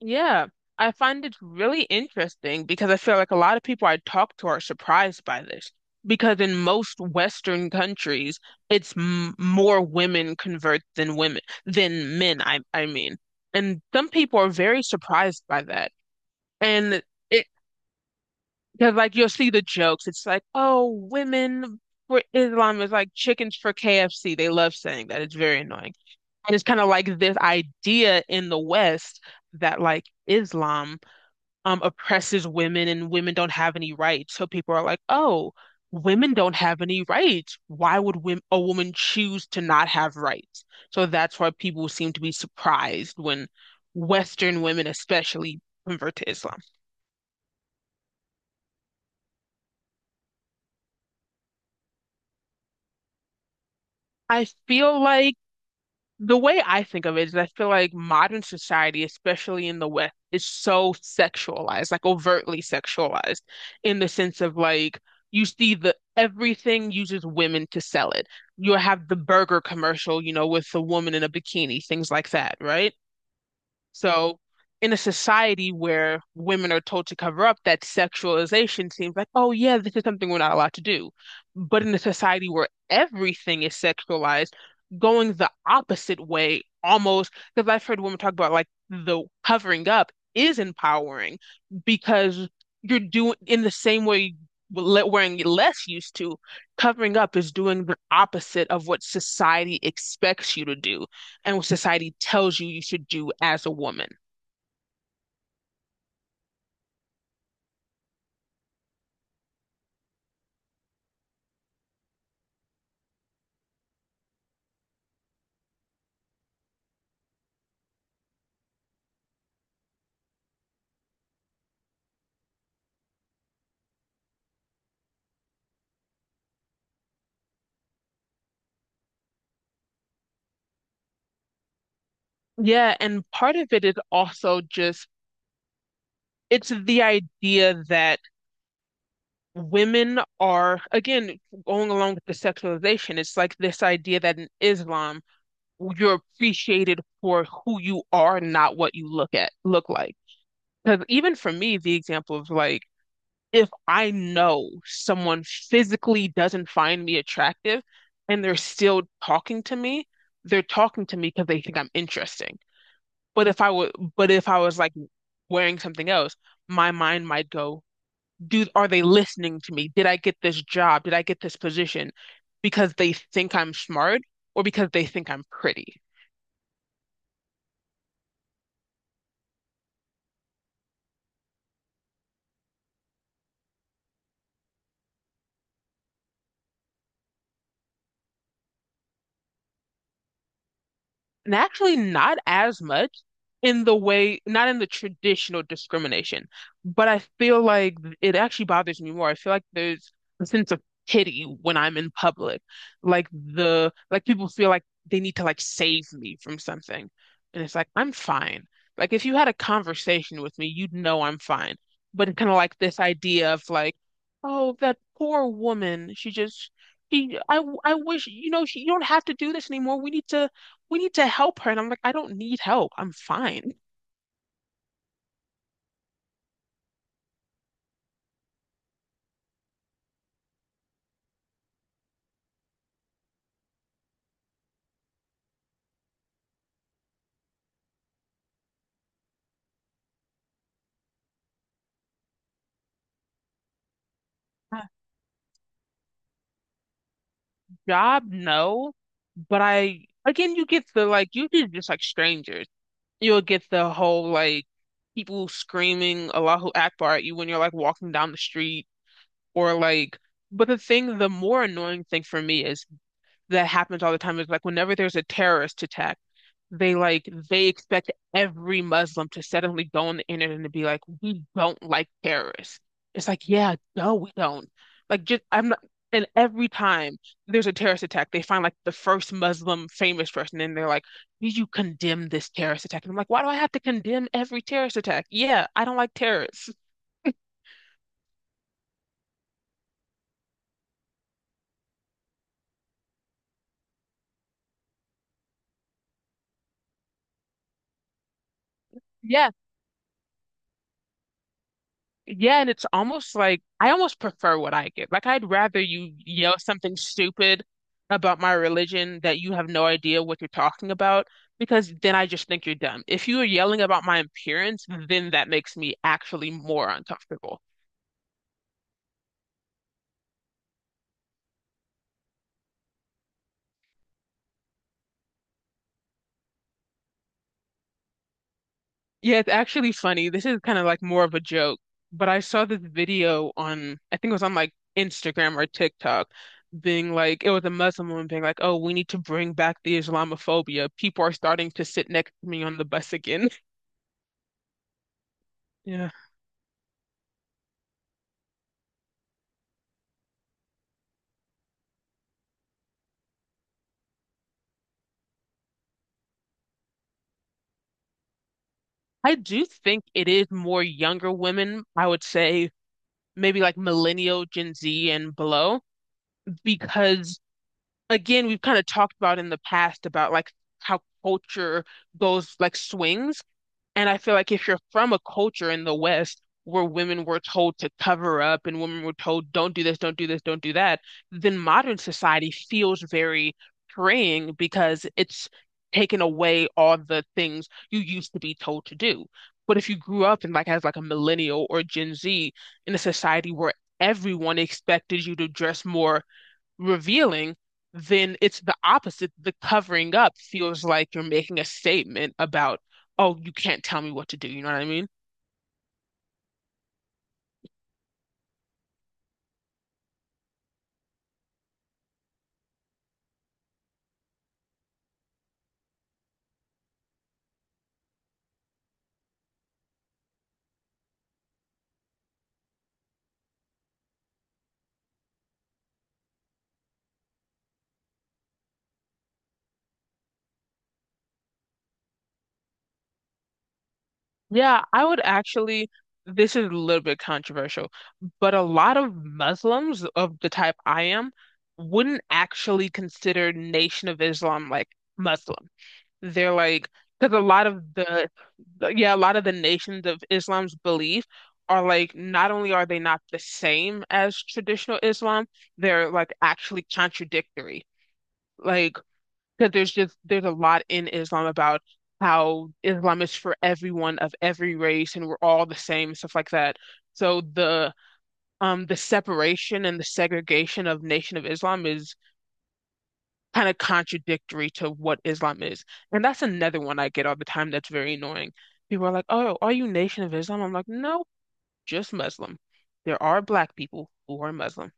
Yeah, I find it really interesting because I feel like a lot of people I talk to are surprised by this. Because in most Western countries, it's m more women convert than men, I mean. And some people are very surprised by that. And it because like you'll see the jokes, it's like, "Oh, women for Islam is like chickens for KFC." They love saying that. It's very annoying. And it's kind of like this idea in the West that like Islam oppresses women and women don't have any rights. So people are like, oh, women don't have any rights. Why would wom a woman choose to not have rights? So that's why people seem to be surprised when Western women especially convert to Islam. I feel like The way I think of it is I feel like modern society, especially in the West, is so sexualized, like overtly sexualized, in the sense of like you see the everything uses women to sell it. You have the burger commercial, with the woman in a bikini, things like that, right? So, in a society where women are told to cover up, that sexualization seems like, oh, yeah, this is something we're not allowed to do. But in a society where everything is sexualized, going the opposite way almost, because I've heard women talk about like the covering up is empowering because you're doing in the same way. Wearing less used to, covering up is doing the opposite of what society expects you to do and what society tells you should do as a woman. Yeah, and part of it is also just it's the idea that women are again going along with the sexualization. It's like this idea that in Islam you're appreciated for who you are, not what you look like. Because even for me, the example of like if I know someone physically doesn't find me attractive and they're still talking to me, they're talking to me because they think I'm interesting. But if I was like wearing something else, my mind might go, are they listening to me? Did I get this job? Did I get this position because they think I'm smart or because they think I'm pretty? And actually, not as much not in the traditional discrimination, but I feel like it actually bothers me more. I feel like there's a sense of pity when I'm in public. Like like people feel like they need to like save me from something. And it's like, I'm fine. Like if you had a conversation with me, you'd know I'm fine. But it's kind of like this idea of like, oh, that poor woman, she just, she, I wish, you don't have to do this anymore. We need to help her. And I'm like, I don't need help. I'm fine. Yeah. Job, no. But I, again, you get the like, you get just like strangers. You'll get the whole like people screaming Allahu Akbar at you when you're like walking down the street or like, but the more annoying thing for me is that happens all the time is like whenever there's a terrorist attack. They expect every Muslim to suddenly go on the internet and be like, we don't like terrorists. It's like, yeah, no, we don't. Like just I'm not and Every time there's a terrorist attack, they find like the first Muslim famous person and they're like, did you condemn this terrorist attack? And I'm like, why do I have to condemn every terrorist attack? Yeah, I don't like terrorists. Yeah, yeah, and it's almost like I almost prefer what I get. Like I'd rather you yell something stupid about my religion that you have no idea what you're talking about because then I just think you're dumb. If you are yelling about my appearance, then that makes me actually more uncomfortable. Yeah, it's actually funny. This is kind of like more of a joke, but I saw this video I think it was on like Instagram or TikTok, being like, it was a Muslim woman being like, oh, we need to bring back the Islamophobia. People are starting to sit next to me on the bus again. Yeah. I do think it is more younger women, I would say maybe like millennial, Gen Z and below, because again, we've kind of talked about in the past about like how culture goes like swings. And I feel like if you're from a culture in the West where women were told to cover up and women were told, don't do this, don't do this, don't do that, then modern society feels very freeing because it's taken away all the things you used to be told to do. But if you grew up in like as like a millennial or Gen Z in a society where everyone expected you to dress more revealing, then it's the opposite. The covering up feels like you're making a statement about, oh, you can't tell me what to do. You know what I mean? Yeah, This is a little bit controversial, but a lot of Muslims of the type I am wouldn't actually consider Nation of Islam like Muslim. They're like, because a lot of the yeah, a lot of the nations of Islam's belief are like not only are they not the same as traditional Islam, they're like actually contradictory. Like, because there's a lot in Islam about how Islam is for everyone of every race and we're all the same, stuff like that. So the separation and the segregation of Nation of Islam is kind of contradictory to what Islam is. And that's another one I get all the time that's very annoying. People are like, "Oh, are you Nation of Islam?" I'm like, "No, just Muslim. There are black people who are Muslim."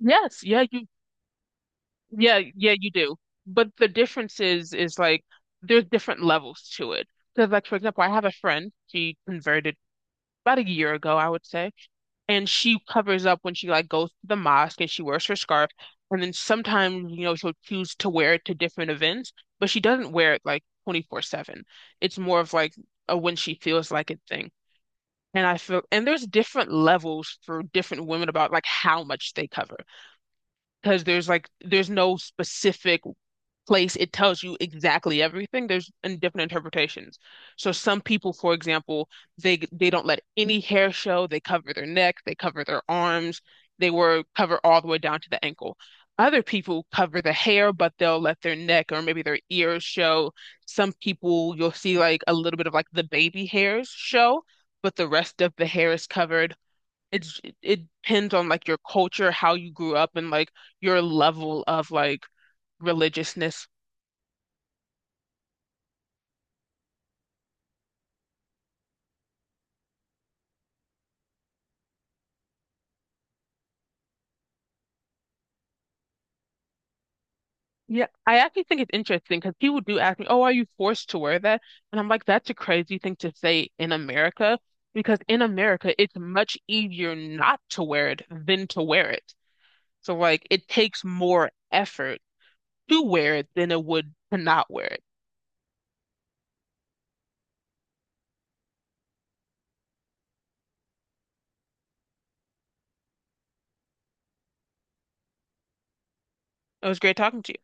Yes, yeah, you yeah, yeah, you do. But the difference is like there's different levels to it. Because like for example, I have a friend, she converted about a year ago, I would say. And she covers up when she like goes to the mosque and she wears her scarf, and then sometimes you know she'll choose to wear it to different events, but she doesn't wear it like 24/7. It's more of like a when she feels like it thing, and I feel and there's different levels for different women about like how much they cover, because there's no specific place, it tells you exactly everything. There's in different interpretations. So some people, for example, they don't let any hair show. They cover their neck, they cover their arms, they were cover all the way down to the ankle. Other people cover the hair, but they'll let their neck or maybe their ears show. Some people you'll see like a little bit of like the baby hairs show, but the rest of the hair is covered. It depends on like your culture, how you grew up, and like your level of like religiousness. Yeah, I actually think it's interesting because people do ask me, "Oh, are you forced to wear that?" And I'm like, "That's a crazy thing to say in America because in America it's much easier not to wear it than to wear it. So like it takes more effort to wear it than it would to not wear it." It was great talking to you.